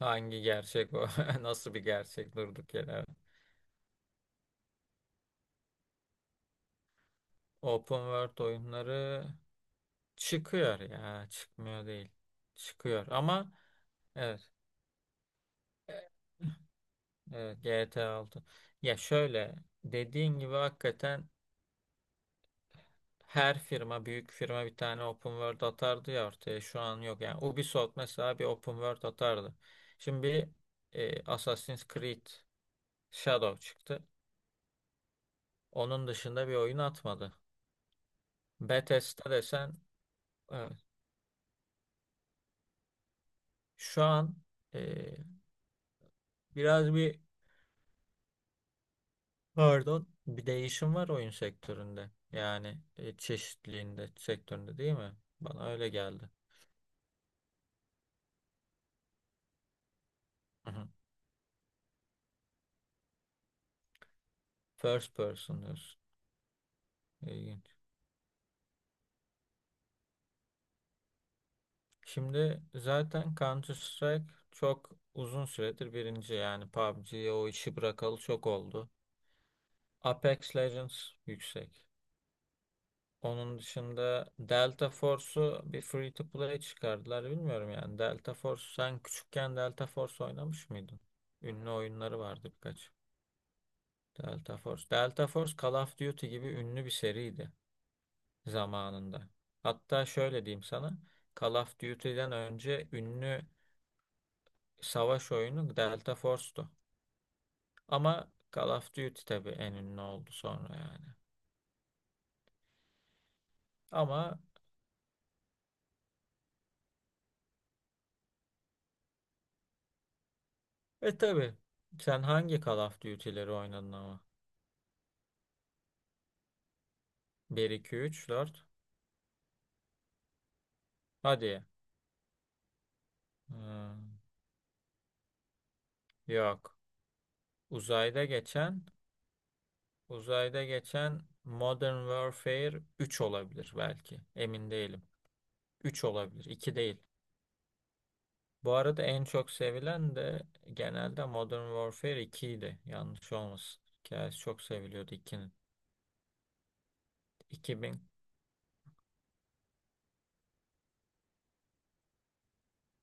Hangi gerçek bu? Nasıl bir gerçek durduk yere? Open World oyunları çıkıyor ya. Çıkmıyor değil. Çıkıyor ama evet, evet GTA 6. Ya şöyle dediğin gibi hakikaten her firma büyük firma bir tane open world atardı ya ortaya şu an yok. Yani Ubisoft mesela bir open world atardı. Şimdi bir Assassin's Creed Shadow çıktı. Onun dışında bir oyun atmadı. Bethesda desen evet, şu an e, biraz bir pardon bir değişim var oyun sektöründe. Yani çeşitliliğinde sektöründe değil mi? Bana öyle geldi. Hı hı. First person diyorsun. İlginç. Şimdi zaten Counter Strike çok uzun süredir birinci yani PUBG'ye o işi bırakalı çok oldu. Apex Legends yüksek. Onun dışında Delta Force'u bir free to play çıkardılar bilmiyorum yani. Delta Force sen küçükken Delta Force oynamış mıydın? Ünlü oyunları vardı birkaç. Delta Force. Delta Force Call of Duty gibi ünlü bir seriydi zamanında. Hatta şöyle diyeyim sana. Call of Duty'den önce ünlü savaş oyunu Delta Force'tu. Ama Call of Duty tabii en ünlü oldu sonra yani. Ama tabii sen hangi Call of Duty'leri oynadın ama? Bir iki üç dört. Hadi. Hmm, yok. Uzayda geçen uzayda geçen Modern Warfare 3 olabilir belki. Emin değilim. Üç olabilir. İki değil. Bu arada en çok sevilen de genelde Modern Warfare 2 idi. Yanlış olmasın. Hikayesi çok seviliyordu ikinin. İki bin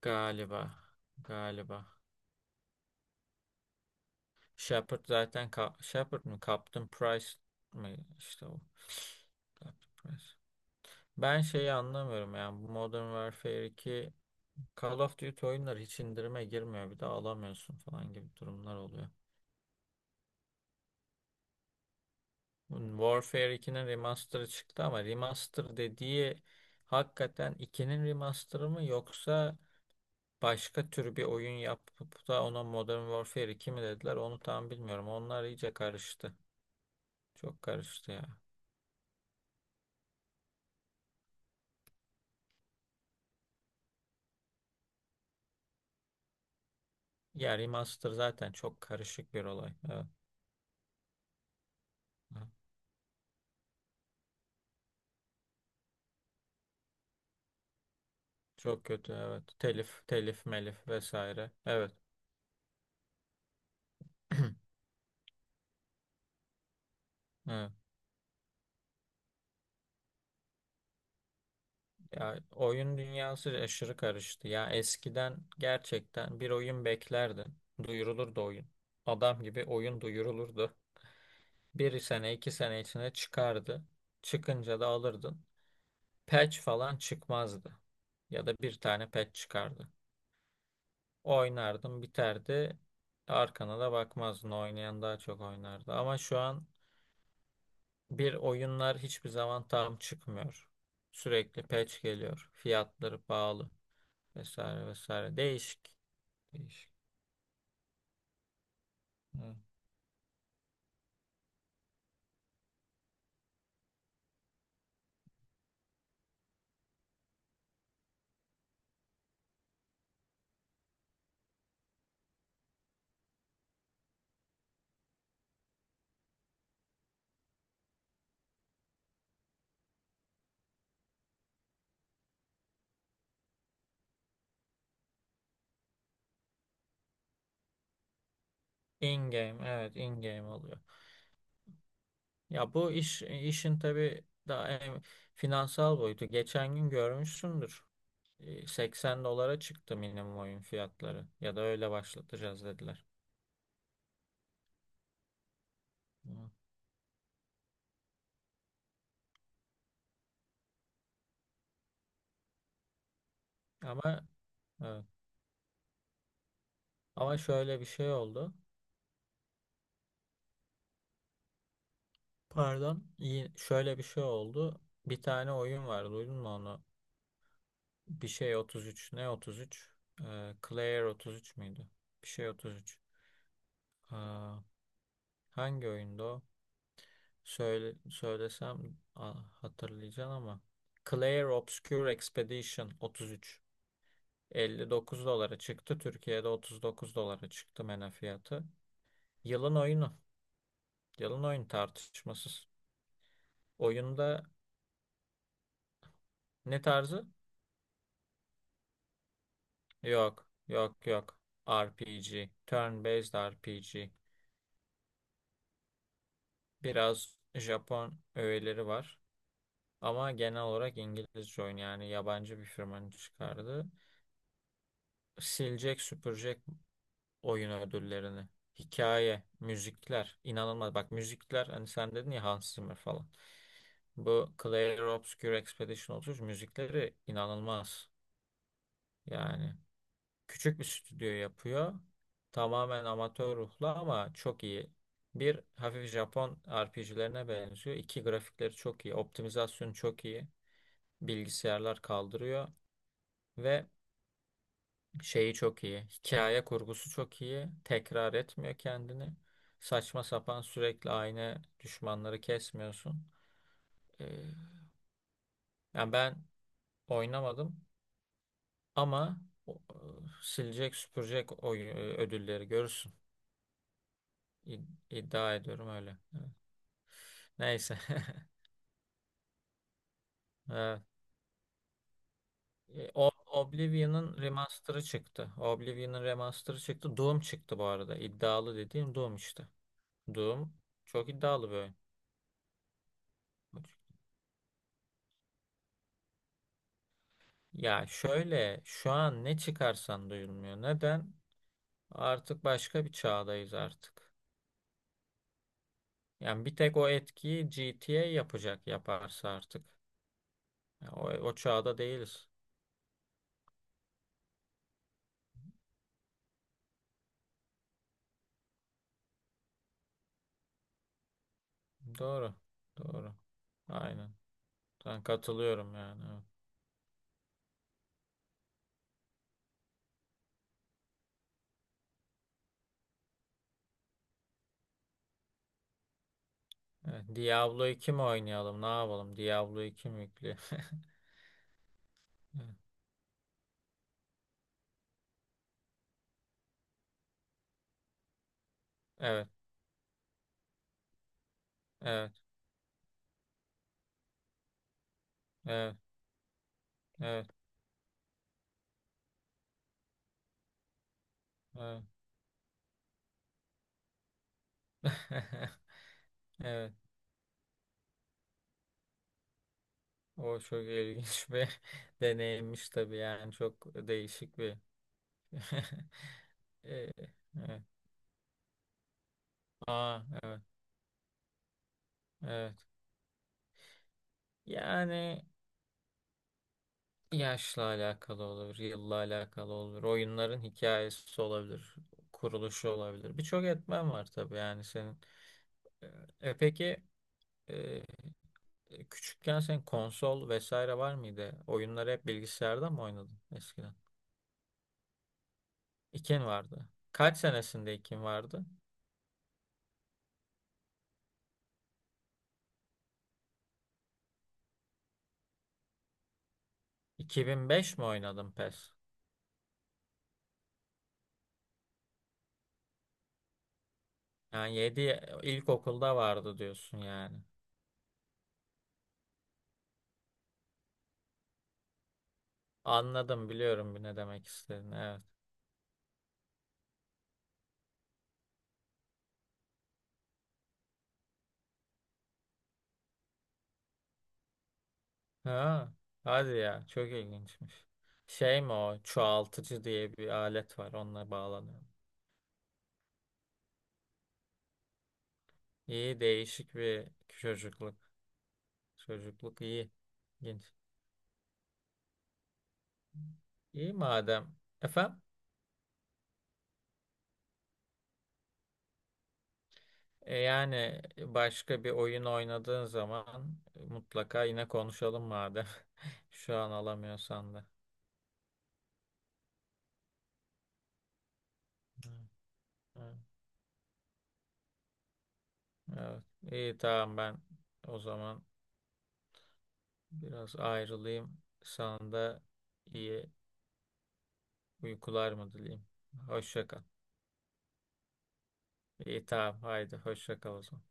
galiba. Galiba. Shepard mı? Captain Price mı? İşte o. Captain Price. Ben şeyi anlamıyorum yani bu Modern Warfare 2 Call of Duty oyunları hiç indirime girmiyor bir de alamıyorsun falan gibi durumlar oluyor. Warfare 2'nin remaster'ı çıktı ama remaster dediği hakikaten 2'nin remaster'ı mı yoksa başka tür bir oyun yapıp da ona Modern Warfare 2 mi dediler onu tam bilmiyorum. Onlar iyice karıştı. Çok karıştı ya. Ya remaster zaten çok karışık bir olay. Evet. Evet. Çok kötü evet. Telif, telif, melif vesaire. Evet. Evet. Ya oyun dünyası aşırı karıştı. Ya eskiden gerçekten bir oyun beklerdin. Duyurulurdu oyun. Adam gibi oyun duyurulurdu. Bir sene iki sene içine çıkardı. Çıkınca da alırdın. Patch falan çıkmazdı. Ya da bir tane patch çıkardı. Oynardın biterdi. Arkana da bakmazdın. Oynayan daha çok oynardı. Ama şu an bir oyunlar hiçbir zaman tam çıkmıyor. Sürekli patch geliyor. Fiyatları pahalı. Vesaire vesaire. Değişik. Değişik. Evet. In game evet in game oluyor. Ya bu işin tabii daha en finansal boyutu. Geçen gün görmüşsündür. 80 dolara çıktı minimum oyun fiyatları ya da öyle başlatacağız dediler. Evet. Ama evet. Ama şöyle bir şey oldu. Pardon. İyi, şöyle bir şey oldu. Bir tane oyun var. Duydun mu onu? Bir şey 33. Ne 33? Claire 33 müydü? Bir şey 33. Hangi oyunda o? Söyle, söylesem hatırlayacaksın ama. Clair Obscure Expedition 33. 59 dolara çıktı. Türkiye'de 39 dolara çıktı mena fiyatı. Yılın oyunu. Yılın oyun tartışmasız. Oyunda ne tarzı? Yok. Yok yok. RPG. Turn-based RPG. Biraz Japon öğeleri var. Ama genel olarak İngilizce oyun yani yabancı bir firmanın çıkardığı silecek süpürecek oyun ödüllerini. Hikaye, müzikler inanılmaz. Bak müzikler hani sen dedin ya Hans Zimmer falan. Bu Clair Obscur Expedition 33 müzikleri inanılmaz. Yani küçük bir stüdyo yapıyor. Tamamen amatör ruhlu ama çok iyi. Bir hafif Japon RPG'lerine benziyor. İki grafikleri çok iyi. Optimizasyonu çok iyi. Bilgisayarlar kaldırıyor. Ve şeyi çok iyi. Hikaye kurgusu çok iyi. Tekrar etmiyor kendini. Saçma sapan sürekli aynı düşmanları kesmiyorsun. Ee, yani ben oynamadım ama o- e, silecek süpürecek ödülleri görürsün. İddia ediyorum öyle. Evet. Neyse. Evet. Oblivion'ın remaster'ı çıktı. Oblivion'ın remaster'ı çıktı. Doom çıktı bu arada. İddialı dediğim Doom işte. Doom çok iddialı bir oyun. Ya şöyle şu an ne çıkarsan duyulmuyor. Neden? Artık başka bir çağdayız artık. Yani bir tek o etkiyi GTA yapacak yaparsa artık. Ya o çağda değiliz. Doğru. Doğru. Aynen. Ben katılıyorum yani. Evet. Evet, Diablo 2 mi oynayalım? Ne yapalım? Diablo 2 mi yükleyelim? Evet. Evet. Evet. Evet. Evet. Evet. O çok ilginç bir deneyimmiş tabii yani çok değişik bir Ee, evet. Aa, evet, evet. Yani yaşla alakalı olur, yılla alakalı olur, oyunların hikayesi olabilir, kuruluşu olabilir. Birçok etmen var tabii yani senin. E, peki e, küçükken senin konsol vesaire var mıydı? Oyunları hep bilgisayarda mı oynadın eskiden? İkin vardı. Kaç senesinde ikin vardı? 2005 mi oynadın PES? Yani 7 ilkokulda vardı diyorsun yani. Anladım biliyorum bir ne demek istediğini. Evet. Ha, hadi ya çok ilginçmiş. Şey mi o çoğaltıcı diye bir alet var onunla bağlanıyor. İyi değişik bir çocukluk. Çocukluk iyi. İlginç. İyi madem. Efendim? Yani başka bir oyun oynadığın zaman mutlaka yine konuşalım madem. Şu an alamıyorsan da. Hı, hı. Evet. İyi tamam ben o zaman. Biraz ayrılayım. Sana da iyi uykular mı dileyim? Hoşça kal. İyi tamam haydi hoşça kal o zaman.